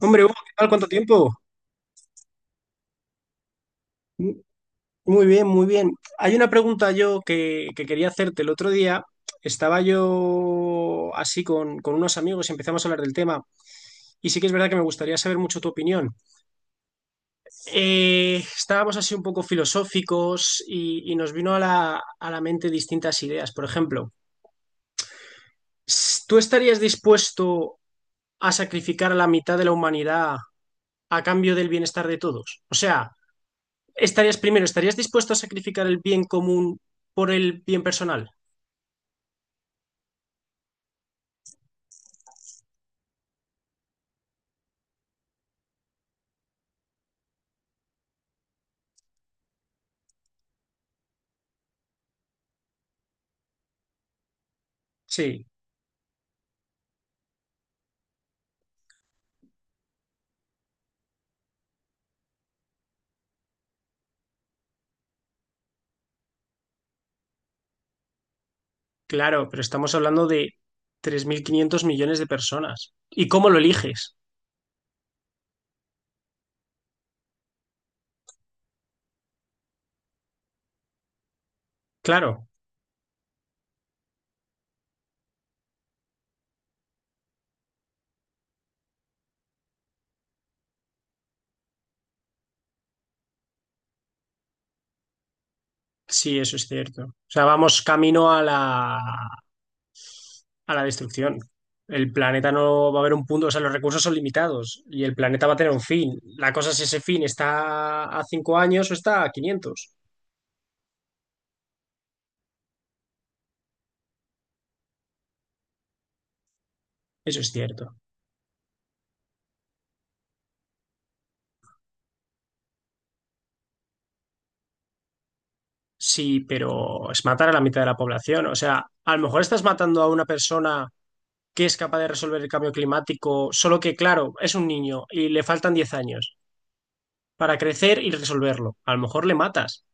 Hombre, Hugo, ¿qué tal? ¿Cuánto tiempo? Muy bien, muy bien. Hay una pregunta yo que quería hacerte. El otro día estaba yo así con unos amigos y empezamos a hablar del tema. Y sí que es verdad que me gustaría saber mucho tu opinión. Estábamos así un poco filosóficos y nos vino a la mente distintas ideas. Por ejemplo, ¿tú estarías dispuesto a sacrificar a la mitad de la humanidad a cambio del bienestar de todos? O sea... Estarías primero, ¿estarías dispuesto a sacrificar el bien común por el bien personal? Sí, claro, pero estamos hablando de 3.500 millones de personas. ¿Y cómo lo eliges? Claro, sí, eso es cierto. O sea, vamos camino a la destrucción. El planeta no va a haber un punto, o sea, los recursos son limitados y el planeta va a tener un fin. La cosa es si ese fin está a 5 años o está a 500. Eso es cierto. Sí, pero es matar a la mitad de la población. O sea, a lo mejor estás matando a una persona que es capaz de resolver el cambio climático, solo que, claro, es un niño y le faltan 10 años para crecer y resolverlo. A lo mejor le matas.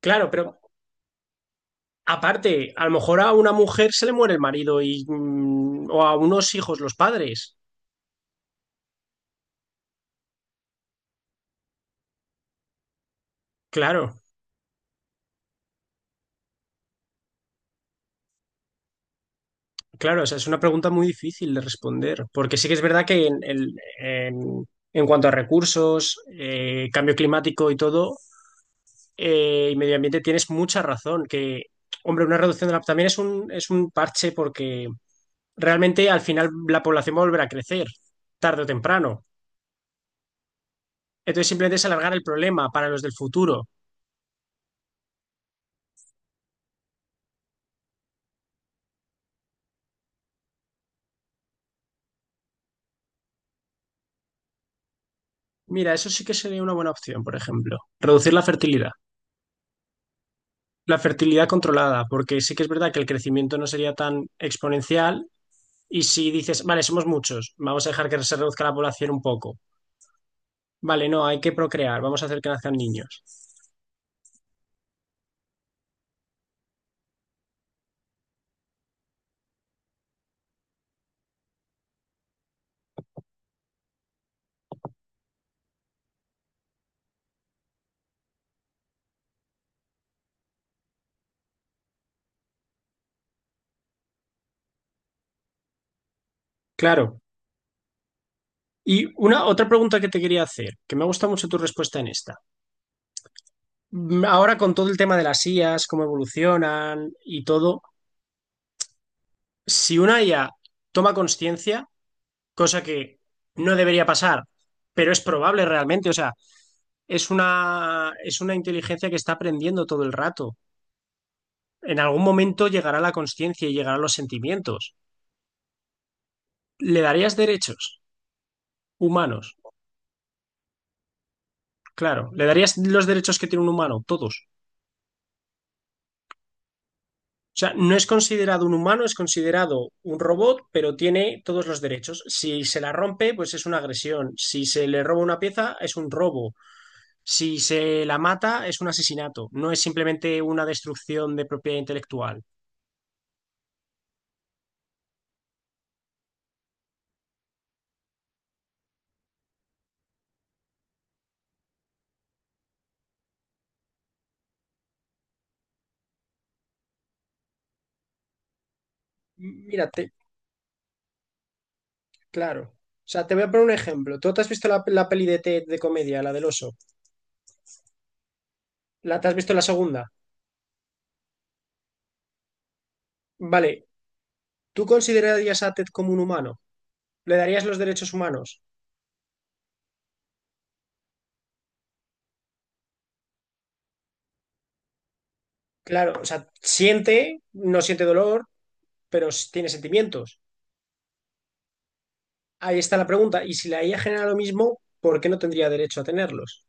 Claro, pero aparte, a lo mejor a una mujer se le muere el marido y, o a unos hijos los padres. Claro, claro, o sea, es una pregunta muy difícil de responder, porque sí que es verdad que en cuanto a recursos, cambio climático y todo, y medio ambiente, tienes mucha razón. Que, hombre, una reducción de la también es un parche porque realmente al final la población va a volver a crecer, tarde o temprano. Entonces simplemente es alargar el problema para los del futuro. Mira, eso sí que sería una buena opción, por ejemplo. Reducir la fertilidad. La fertilidad controlada, porque sí que es verdad que el crecimiento no sería tan exponencial. Y si dices, vale, somos muchos, vamos a dejar que se reduzca la población un poco. Vale, no, hay que procrear, vamos a hacer que nazcan niños. Claro. Y una otra pregunta que te quería hacer, que me ha gustado mucho tu respuesta en esta. Ahora con todo el tema de las IAs, cómo evolucionan y todo, si una IA toma conciencia, cosa que no debería pasar, pero es probable realmente, o sea, es una inteligencia que está aprendiendo todo el rato. En algún momento llegará la conciencia y llegarán los sentimientos. ¿Le darías derechos humanos? Claro, ¿le darías los derechos que tiene un humano? Todos. O sea, no es considerado un humano, es considerado un robot, pero tiene todos los derechos. Si se la rompe, pues es una agresión. Si se le roba una pieza, es un robo. Si se la mata, es un asesinato. No es simplemente una destrucción de propiedad intelectual. Mírate, claro. O sea, te voy a poner un ejemplo. ¿Tú te has visto la peli de Ted de comedia, la del oso? ¿Te has visto la segunda? Vale, ¿tú considerarías a Ted como un humano? ¿Le darías los derechos humanos? Claro, o sea, siente, no siente dolor, pero tiene sentimientos. Ahí está la pregunta. Y si la IA genera lo mismo, ¿por qué no tendría derecho a tenerlos?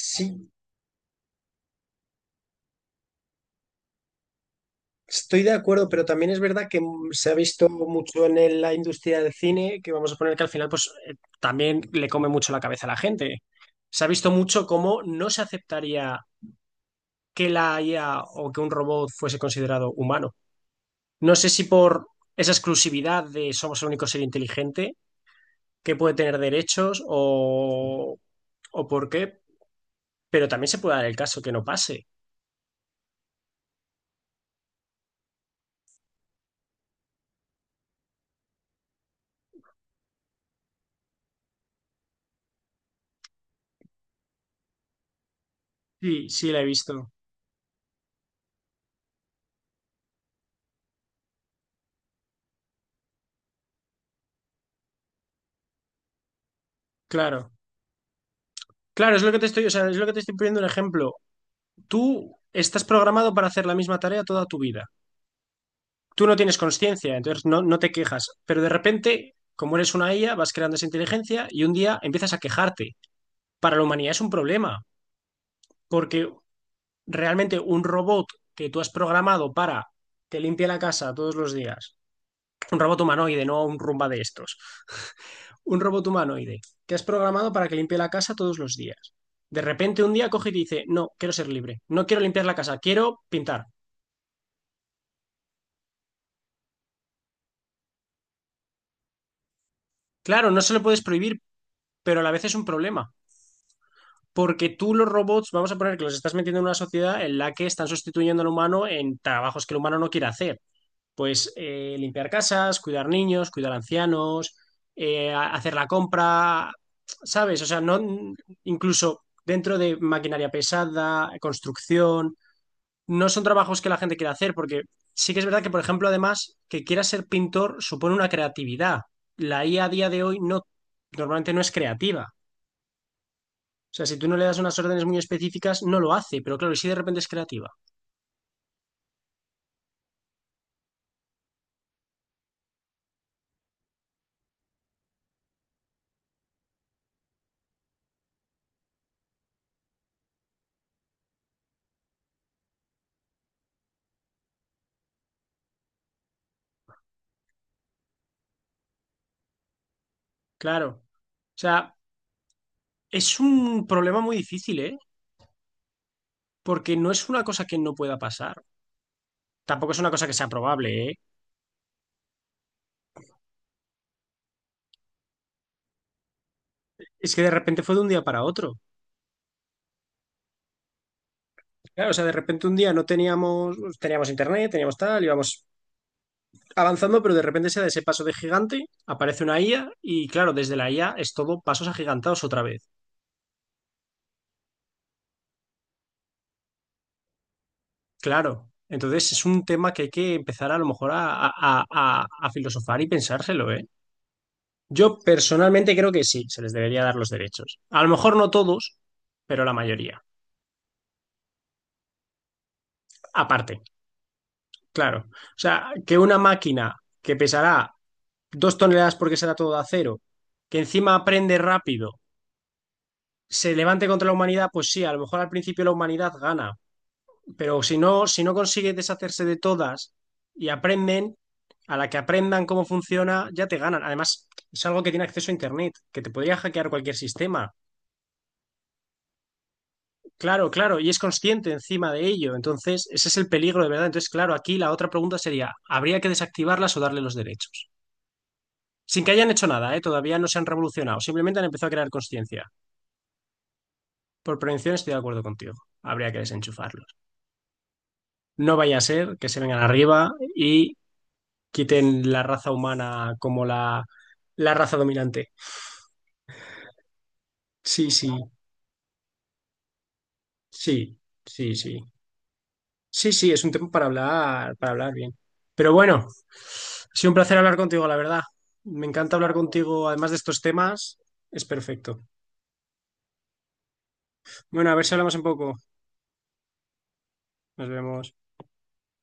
Sí, estoy de acuerdo, pero también es verdad que se ha visto mucho en la industria del cine, que vamos a poner que al final, pues también le come mucho la cabeza a la gente. Se ha visto mucho cómo no se aceptaría que la IA o que un robot fuese considerado humano. No sé si por esa exclusividad de somos el único ser inteligente que puede tener derechos o por qué, pero también se puede dar el caso que no pase. Sí, sí, la he visto. Claro. Claro, es lo que te estoy, o sea, es lo que te estoy poniendo un ejemplo. Tú estás programado para hacer la misma tarea toda tu vida. Tú no tienes conciencia, entonces no te quejas. Pero de repente, como eres una IA, vas creando esa inteligencia y un día empiezas a quejarte. Para la humanidad es un problema, porque realmente un robot que tú has programado para que limpie la casa todos los días, un robot humanoide, no un rumba de estos. Un robot humanoide que has programado para que limpie la casa todos los días. De repente un día coge y te dice, no, quiero ser libre, no quiero limpiar la casa, quiero pintar. Claro, no se lo puedes prohibir, pero a la vez es un problema, porque tú los robots, vamos a poner que los estás metiendo en una sociedad en la que están sustituyendo al humano en trabajos que el humano no quiere hacer. Pues limpiar casas, cuidar niños, cuidar ancianos, hacer la compra, ¿sabes? O sea, no incluso dentro de maquinaria pesada, construcción. No son trabajos que la gente quiera hacer, porque sí que es verdad que, por ejemplo, además, que quiera ser pintor supone una creatividad. La IA a día de hoy no, normalmente no es creativa. O sea, si tú no le das unas órdenes muy específicas, no lo hace, pero claro, y si de repente es creativa. Claro. O sea, es un problema muy difícil, ¿eh? Porque no es una cosa que no pueda pasar. Tampoco es una cosa que sea probable, ¿eh? Es que de repente fue de un día para otro. Claro, o sea, de repente un día no teníamos, pues, teníamos internet, teníamos tal, íbamos avanzando, pero de repente se da ese paso de gigante, aparece una IA y claro, desde la IA es todo pasos agigantados otra vez. Claro. Entonces es un tema que hay que empezar a lo mejor a, a filosofar y pensárselo, ¿eh? Yo personalmente creo que sí, se les debería dar los derechos. A lo mejor no todos, pero la mayoría. Aparte, claro. O sea, que una máquina que pesará 2 toneladas porque será todo de acero, que encima aprende rápido, se levante contra la humanidad, pues sí, a lo mejor al principio la humanidad gana. Pero si no, si no consigues deshacerse de todas y aprenden, a la que aprendan cómo funciona, ya te ganan. Además, es algo que tiene acceso a Internet, que te podría hackear cualquier sistema. Claro, claro, y es consciente encima de ello. Entonces, ese es el peligro de verdad. Entonces, claro, aquí la otra pregunta sería, ¿habría que desactivarlas o darle los derechos? Sin que hayan hecho nada, ¿eh? Todavía no se han revolucionado, simplemente han empezado a crear conciencia. Por prevención estoy de acuerdo contigo, habría que desenchufarlos. No vaya a ser que se vengan arriba y quiten la raza humana como la raza dominante. Sí, sí, sí, sí, sí. Sí, sí, es un tema para hablar bien. Pero bueno, ha sido un placer hablar contigo, la verdad. Me encanta hablar contigo, además de estos temas, es perfecto. Bueno, a ver si hablamos un poco. Nos vemos.